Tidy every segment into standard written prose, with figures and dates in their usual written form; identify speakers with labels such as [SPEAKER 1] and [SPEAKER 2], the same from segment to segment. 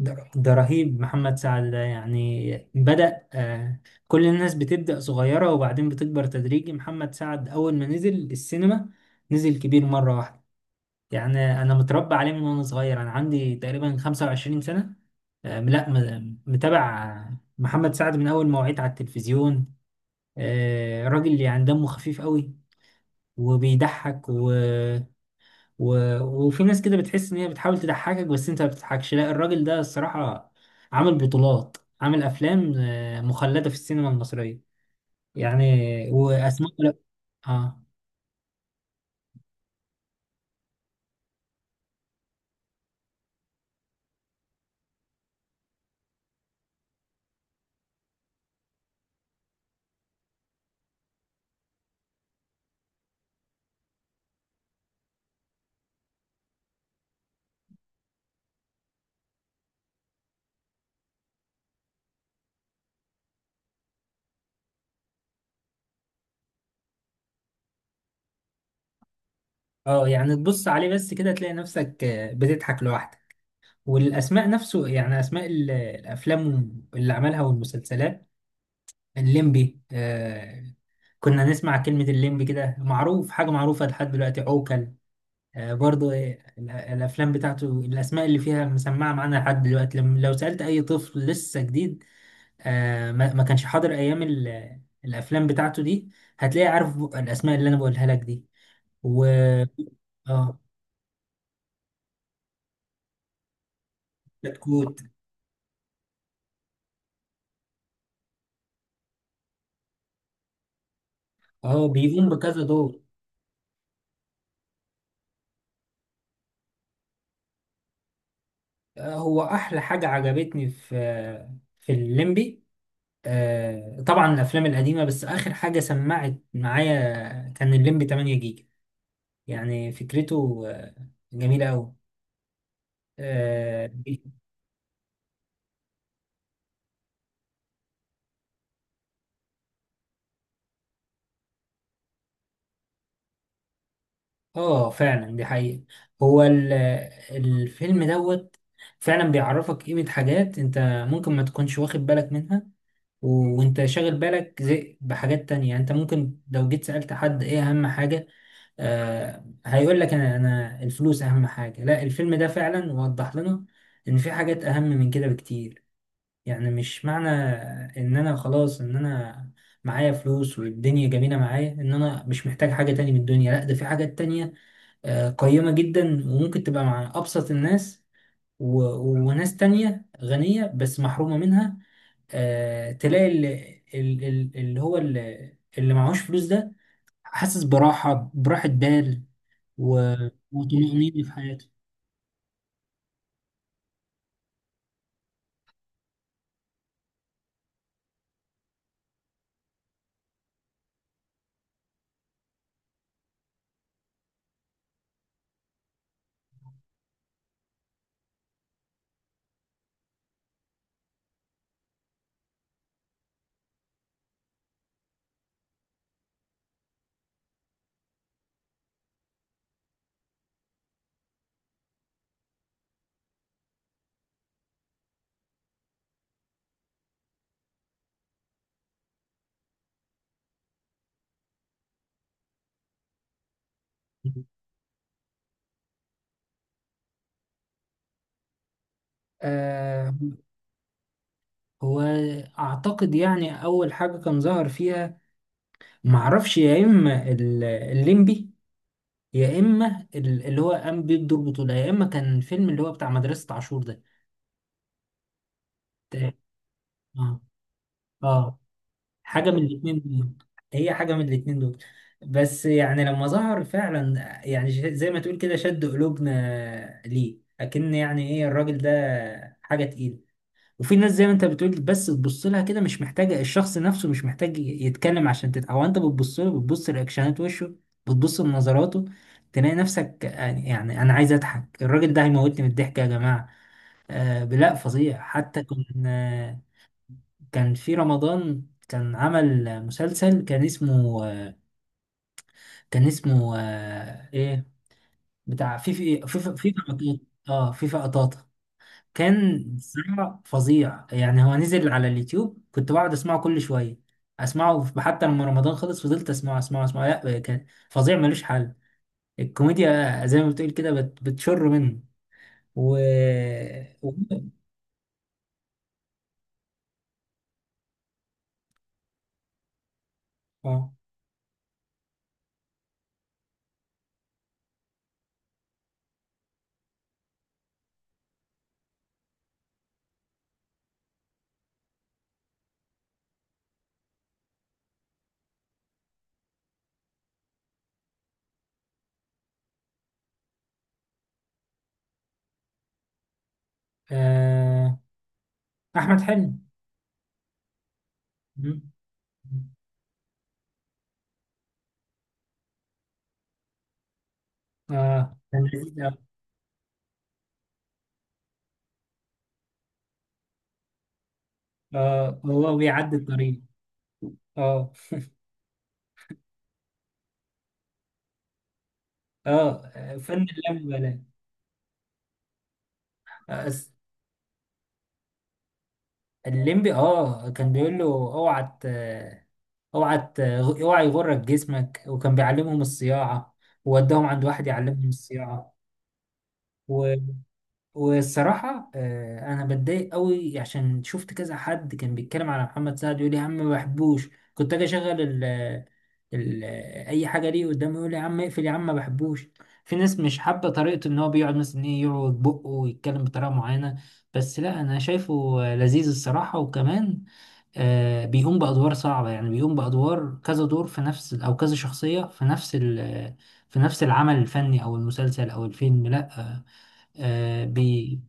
[SPEAKER 1] ده رهيب محمد سعد ده، يعني بدأ كل الناس بتبدأ صغيرة وبعدين بتكبر تدريجي. محمد سعد أول ما نزل السينما نزل كبير مرة واحدة. يعني أنا متربى عليه من وأنا صغير، أنا عندي تقريبا 25 سنة. لا، متابع محمد سعد من أول ما وعيت على التلفزيون. راجل يعني دمه خفيف قوي وبيضحك و... وفي ناس كده بتحس ان هي بتحاول تضحكك بس انت ما بتضحكش، لا الراجل ده الصراحة عامل بطولات، عامل افلام مخلدة في السينما المصرية، يعني. واسماء، لا. اه، اه، يعني تبص عليه بس كده تلاقي نفسك بتضحك لوحدك. والاسماء نفسه، يعني اسماء الافلام اللي عملها والمسلسلات. الليمبي، كنا نسمع كلمة الليمبي كده، معروف، حاجة معروفة لحد دلوقتي. عوكل برضو، إيه، الافلام بتاعته الاسماء اللي فيها مسمعه معانا لحد دلوقتي، لما لو سالت اي طفل لسه جديد ما كانش حاضر ايام الافلام بتاعته دي، هتلاقي عارف الاسماء اللي انا بقولها لك دي و اه، كتكوت. اه، بيقوم بكذا دور. هو احلى حاجه عجبتني في الليمبي. طبعا الافلام القديمه، بس اخر حاجه سمعت معايا كان الليمبي 8 جيجا، يعني فكرته جميله قوي. اه فعلا، دي حقيقة. هو الفيلم دوت فعلا بيعرفك قيمة حاجات انت ممكن ما تكونش واخد بالك منها وانت شاغل بالك زي بحاجات تانية. يعني انت ممكن لو جيت سألت حد ايه اهم حاجة، هيقول لك انا الفلوس اهم حاجة. لا، الفيلم ده فعلا وضح لنا ان في حاجات اهم من كده بكتير. يعني مش معنى ان انا خلاص ان انا معايا فلوس والدنيا جميلة معايا، ان انا مش محتاج حاجة تانية من الدنيا. لا، ده في حاجات تانية قيمة جدا وممكن تبقى مع أبسط الناس و... وناس تانية غنية بس محرومة منها. تلاقي اللي هو اللي معهوش فلوس ده حاسس براحة براحة و... وطمأنينة في حياته. آه هو أعتقد يعني أول حاجة كان ظهر فيها، معرفش، يا إما الليمبي، يا إما اللي هو قام بيه بدور بطولة، يا إما كان فيلم اللي هو بتاع مدرسة عاشور ده. ت- آه آه حاجة من الاتنين دول. هي حاجة من الاتنين دول. بس يعني لما ظهر فعلا، يعني زي ما تقول كده شد قلوبنا ليه أكن. يعني ايه الراجل ده، حاجة تقيلة. وفي ناس زي ما انت بتقول، بس تبص لها كده، مش محتاجة الشخص نفسه مش محتاج يتكلم عشان، او انت بتبص له، بتبص لأكشنات وشه، بتبص لنظراته، تلاقي نفسك يعني انا عايز اضحك، الراجل ده هيموتني من الضحك يا جماعة. لا، فظيع. حتى كنا، كان في رمضان كان عمل مسلسل، كان اسمه ايه، بتاع في قطاطة. اه، في قطاطة، كان بصراحة فظيع. يعني هو نزل على اليوتيوب، كنت بقعد اسمعه كل شوية، اسمعه حتى لما رمضان خلص فضلت اسمعه اسمعه اسمعه. لا كان فظيع ملوش حل، الكوميديا زي ما بتقول كده بتشر منه و و- اه. آه، احمد حلمي. مم. اه، كان لذيذ. اه هو بيعدي الطريق. اه. اه فن. اللم بلاش. آه، أس- الليمبي، اه، كان بيقول له اوعى ت- اوعى يغرك جسمك، وكان بيعلمهم الصياعة، ووداهم عند واحد يعلمهم الصياعة. والصراحة أنا بتضايق قوي عشان شفت كذا حد كان بيتكلم على محمد سعد يقول لي يا عم ما بحبوش، كنت أجي أشغل ال أي حاجة ليه قدامي يقول لي يا عم اقفل، يا عم ما بحبوش. في ناس مش حابة طريقته إن هو بيقعد مثلا، إيه، يعوج بقه ويتكلم بطريقة معينة. بس لا أنا شايفه لذيذ الصراحة. وكمان بيقوم بأدوار صعبة، يعني بيقوم بأدوار كذا دور في نفس، أو كذا شخصية في نفس العمل الفني أو المسلسل أو الفيلم. لأ، آه بي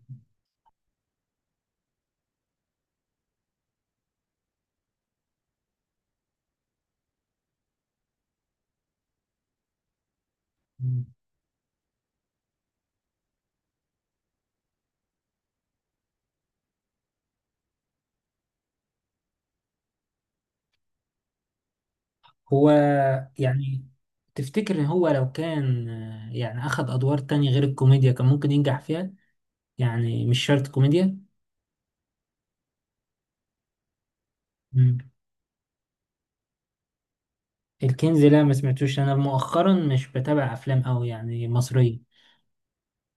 [SPEAKER 1] هو يعني تفتكر هو لو كان يعني أخذ أدوار تانية غير الكوميديا كان ممكن ينجح فيها، يعني مش شرط كوميديا. مم. الكنز، لا، ما سمعتوش. أنا مؤخرا مش بتابع أفلام أوي يعني مصرية،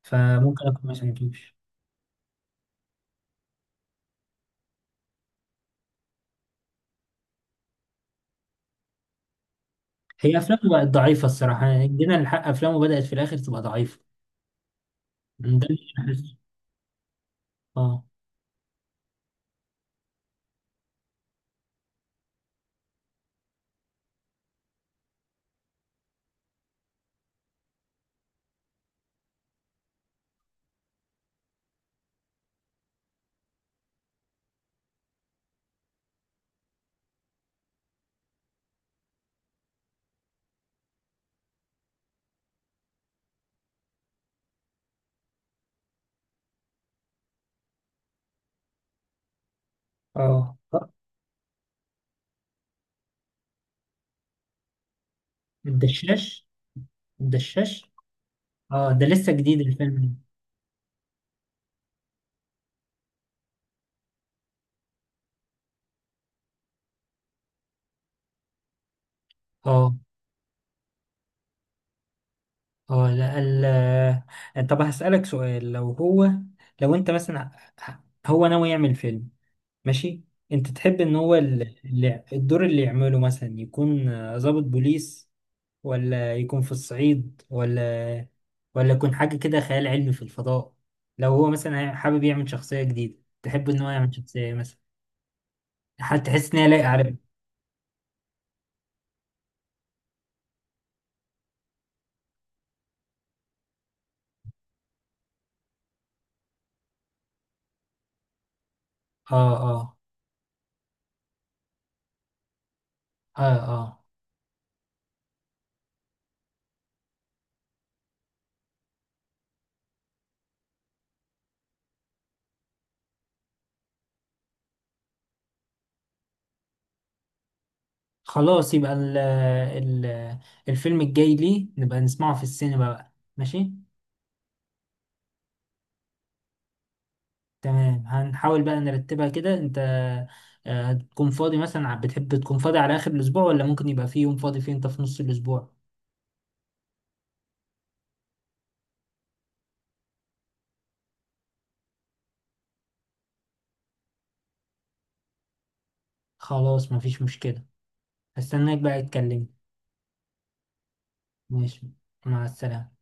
[SPEAKER 1] فممكن أكون ما سمعتوش. هي أفلامه بقت ضعيفة الصراحة. يعني جينا الحق أفلامه بدأت في الآخر تبقى ضعيفة، ده اللي أنا حاسه. اه. اه. آه. الدشاش، الدشاش. اه، ده لسه جديد الفيلم ده. اه. اه. لا، طب هسألك سؤال، لو هو، لو انت مثلا، هو ناوي يعمل فيلم، ماشي، انت تحب ان هو الدور اللي يعمله مثلا يكون ضابط بوليس، ولا يكون في الصعيد، ولا يكون حاجة كده خيال علمي في الفضاء، لو هو مثلا حابب يعمل شخصية جديدة، تحب ان هو يعمل شخصية إيه مثلا، هتحس ان هي لايقة عليه. اه. اه. اه. اه. خلاص يبقى ال الفيلم الجاي ليه نبقى نسمعه في السينما بقى، ماشي. تمام، هنحاول بقى نرتبها كده. انت هتكون فاضي مثلا، بتحب تكون فاضي على اخر الاسبوع، ولا ممكن يبقى في يوم فاضي فيه انت في نص الاسبوع؟ خلاص مفيش مشكلة، هستناك بقى تكلمني. ماشي، مع السلامة.